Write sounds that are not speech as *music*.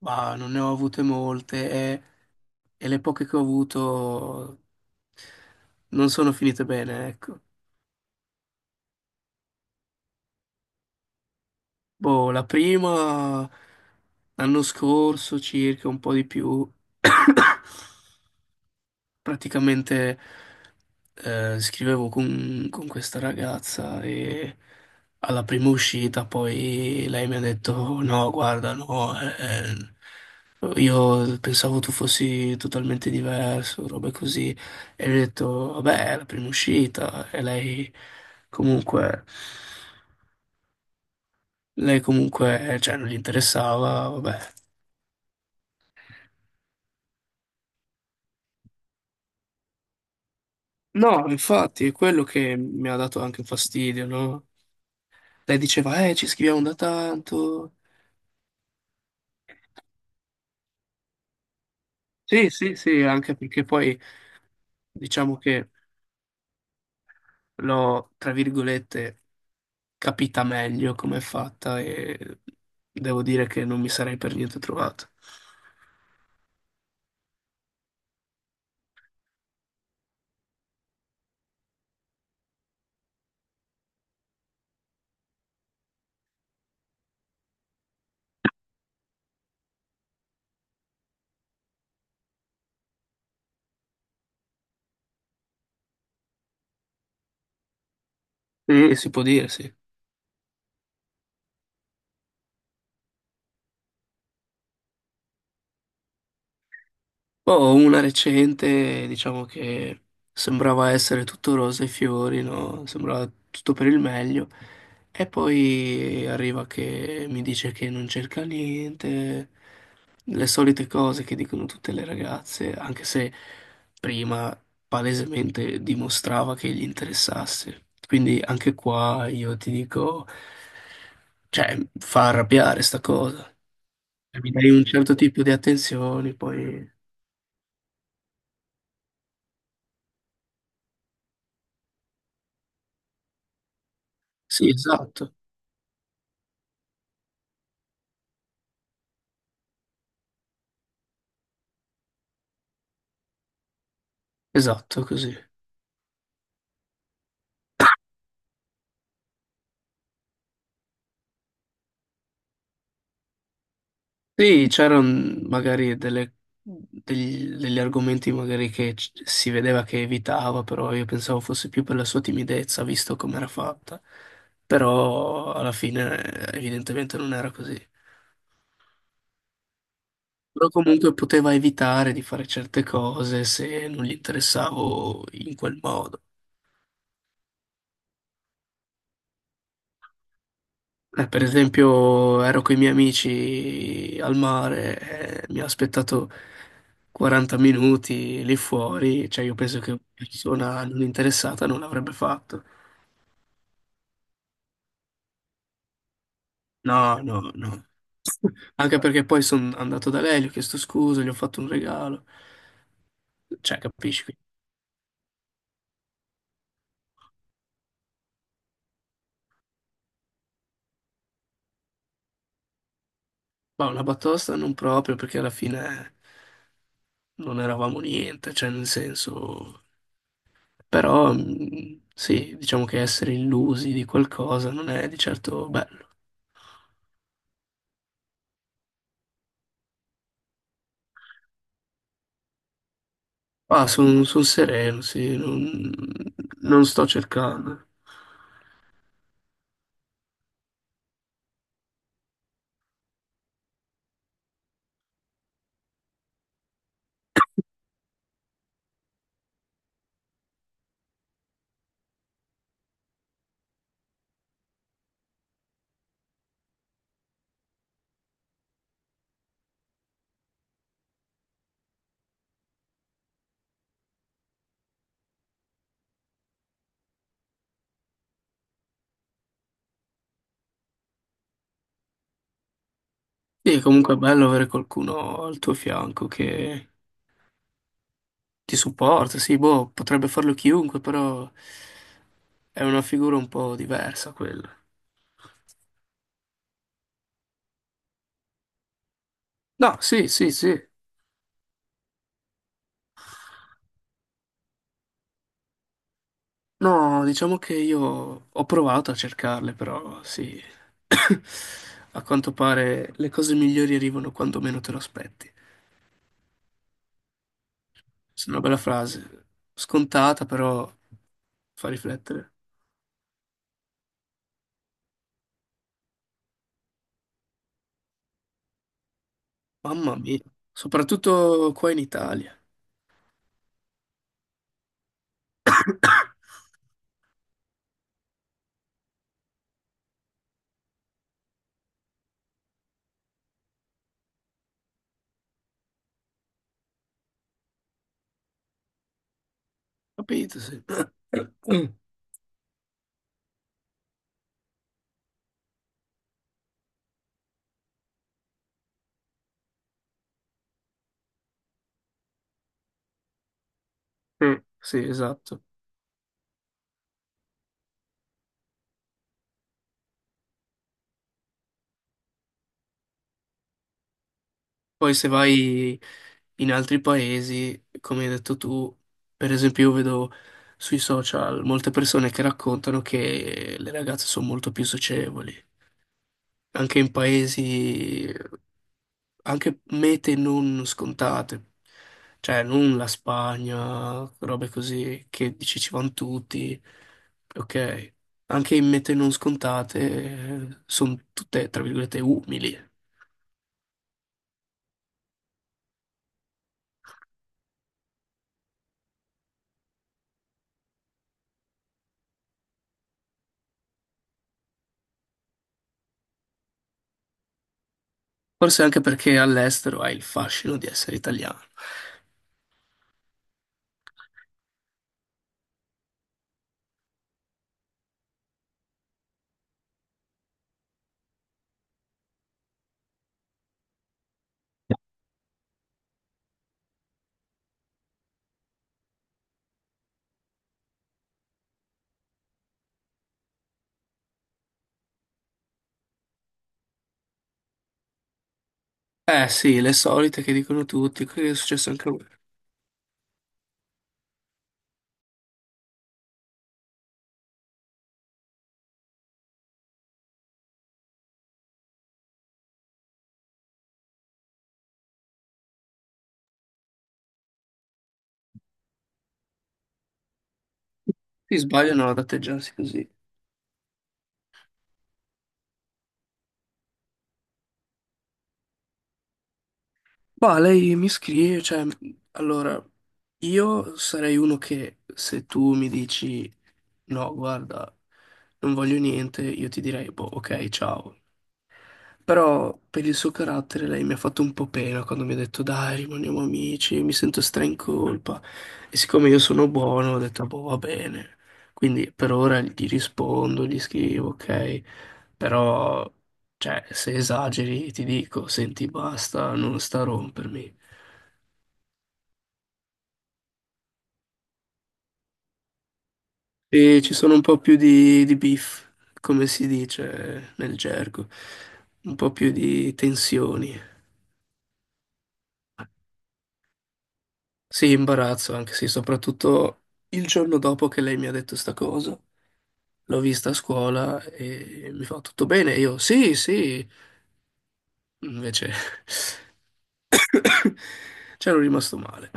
Ma non ne ho avute molte e le poche che ho avuto non sono finite bene, ecco. Boh, la prima l'anno scorso circa, un po' di più. *coughs* Praticamente scrivevo con questa ragazza e alla prima uscita poi lei mi ha detto no, guarda, no, io pensavo tu fossi totalmente diverso, robe così. E gli ho detto, vabbè, è la prima uscita e comunque, lei comunque, cioè, non gli interessava, vabbè. No, infatti, è quello che mi ha dato anche fastidio, no? Lei diceva, ci scriviamo da tanto. Sì, sì, sì, anche perché poi diciamo che l'ho, tra virgolette, capita meglio come è fatta e devo dire che non mi sarei per niente trovato. Sì, si può dire, sì. Boh, una recente, diciamo che sembrava essere tutto rose e fiori, no? Sembrava tutto per il meglio. E poi arriva che mi dice che non cerca niente, le solite cose che dicono tutte le ragazze, anche se prima palesemente dimostrava che gli interessasse. Quindi anche qua io ti dico, cioè, fa arrabbiare sta cosa. Cioè, mi dai un certo tipo di attenzioni, poi... Sì, esatto, esatto, così. Sì, c'erano magari delle degli argomenti magari che si vedeva che evitava, però io pensavo fosse più per la sua timidezza, visto come era fatta. Però alla fine evidentemente non era così. Però comunque poteva evitare di fare certe cose se non gli interessavo in quel modo. Per esempio, ero con i miei amici al mare, mi ha aspettato 40 minuti lì fuori, cioè io penso che una persona non interessata non l'avrebbe fatto. No, no, no. Anche perché poi sono andato da lei, gli ho chiesto scusa, gli ho fatto un regalo. Cioè, capisci? Ma una batosta non proprio, perché alla fine non eravamo niente, cioè nel senso... Però sì, diciamo che essere illusi di qualcosa non è di certo bello. Ah, sono sereno, sì, non sto cercando. Sì, comunque è bello avere qualcuno al tuo fianco che ti supporta, sì, boh, potrebbe farlo chiunque, però è una figura un po' diversa quella. No, sì, sì, sì. No, diciamo che io ho provato a cercarle, però sì. *coughs* A quanto pare le cose migliori arrivano quando meno te lo aspetti. Questa è una bella frase, scontata però fa riflettere. Mamma mia, soprattutto qua in Italia. Capito, sì. *clears throat* Mm. Sì, esatto. Poi se vai in altri paesi, come hai detto tu, per esempio io vedo sui social molte persone che raccontano che le ragazze sono molto più socievoli. Anche in paesi, anche mete non scontate, cioè non la Spagna, robe così che dici ci vanno tutti, ok, anche in mete non scontate sono tutte, tra virgolette, umili. Forse anche perché all'estero hai il fascino di essere italiano. Eh sì, le solite che dicono tutti, quello che è successo anche a me. Si sbagliano ad atteggiarsi così. Ma lei mi scrive, cioè, allora, io sarei uno che se tu mi dici no, guarda, non voglio niente, io ti direi, boh, ok, ciao. Però per il suo carattere lei mi ha fatto un po' pena quando mi ha detto dai, rimaniamo amici, mi sento stra in colpa. E siccome io sono buono, ho detto boh, va bene. Quindi per ora gli rispondo, gli scrivo, ok. Però, cioè, se esageri ti dico, senti, basta, non sta a rompermi. E ci sono un po' più di beef, come si dice nel gergo, un po' più di tensioni. Sì, imbarazzo, anche sì, soprattutto il giorno dopo che lei mi ha detto sta cosa. L'ho vista a scuola e mi fa tutto bene. Io sì, sì. Invece *coughs* c'ero rimasto male.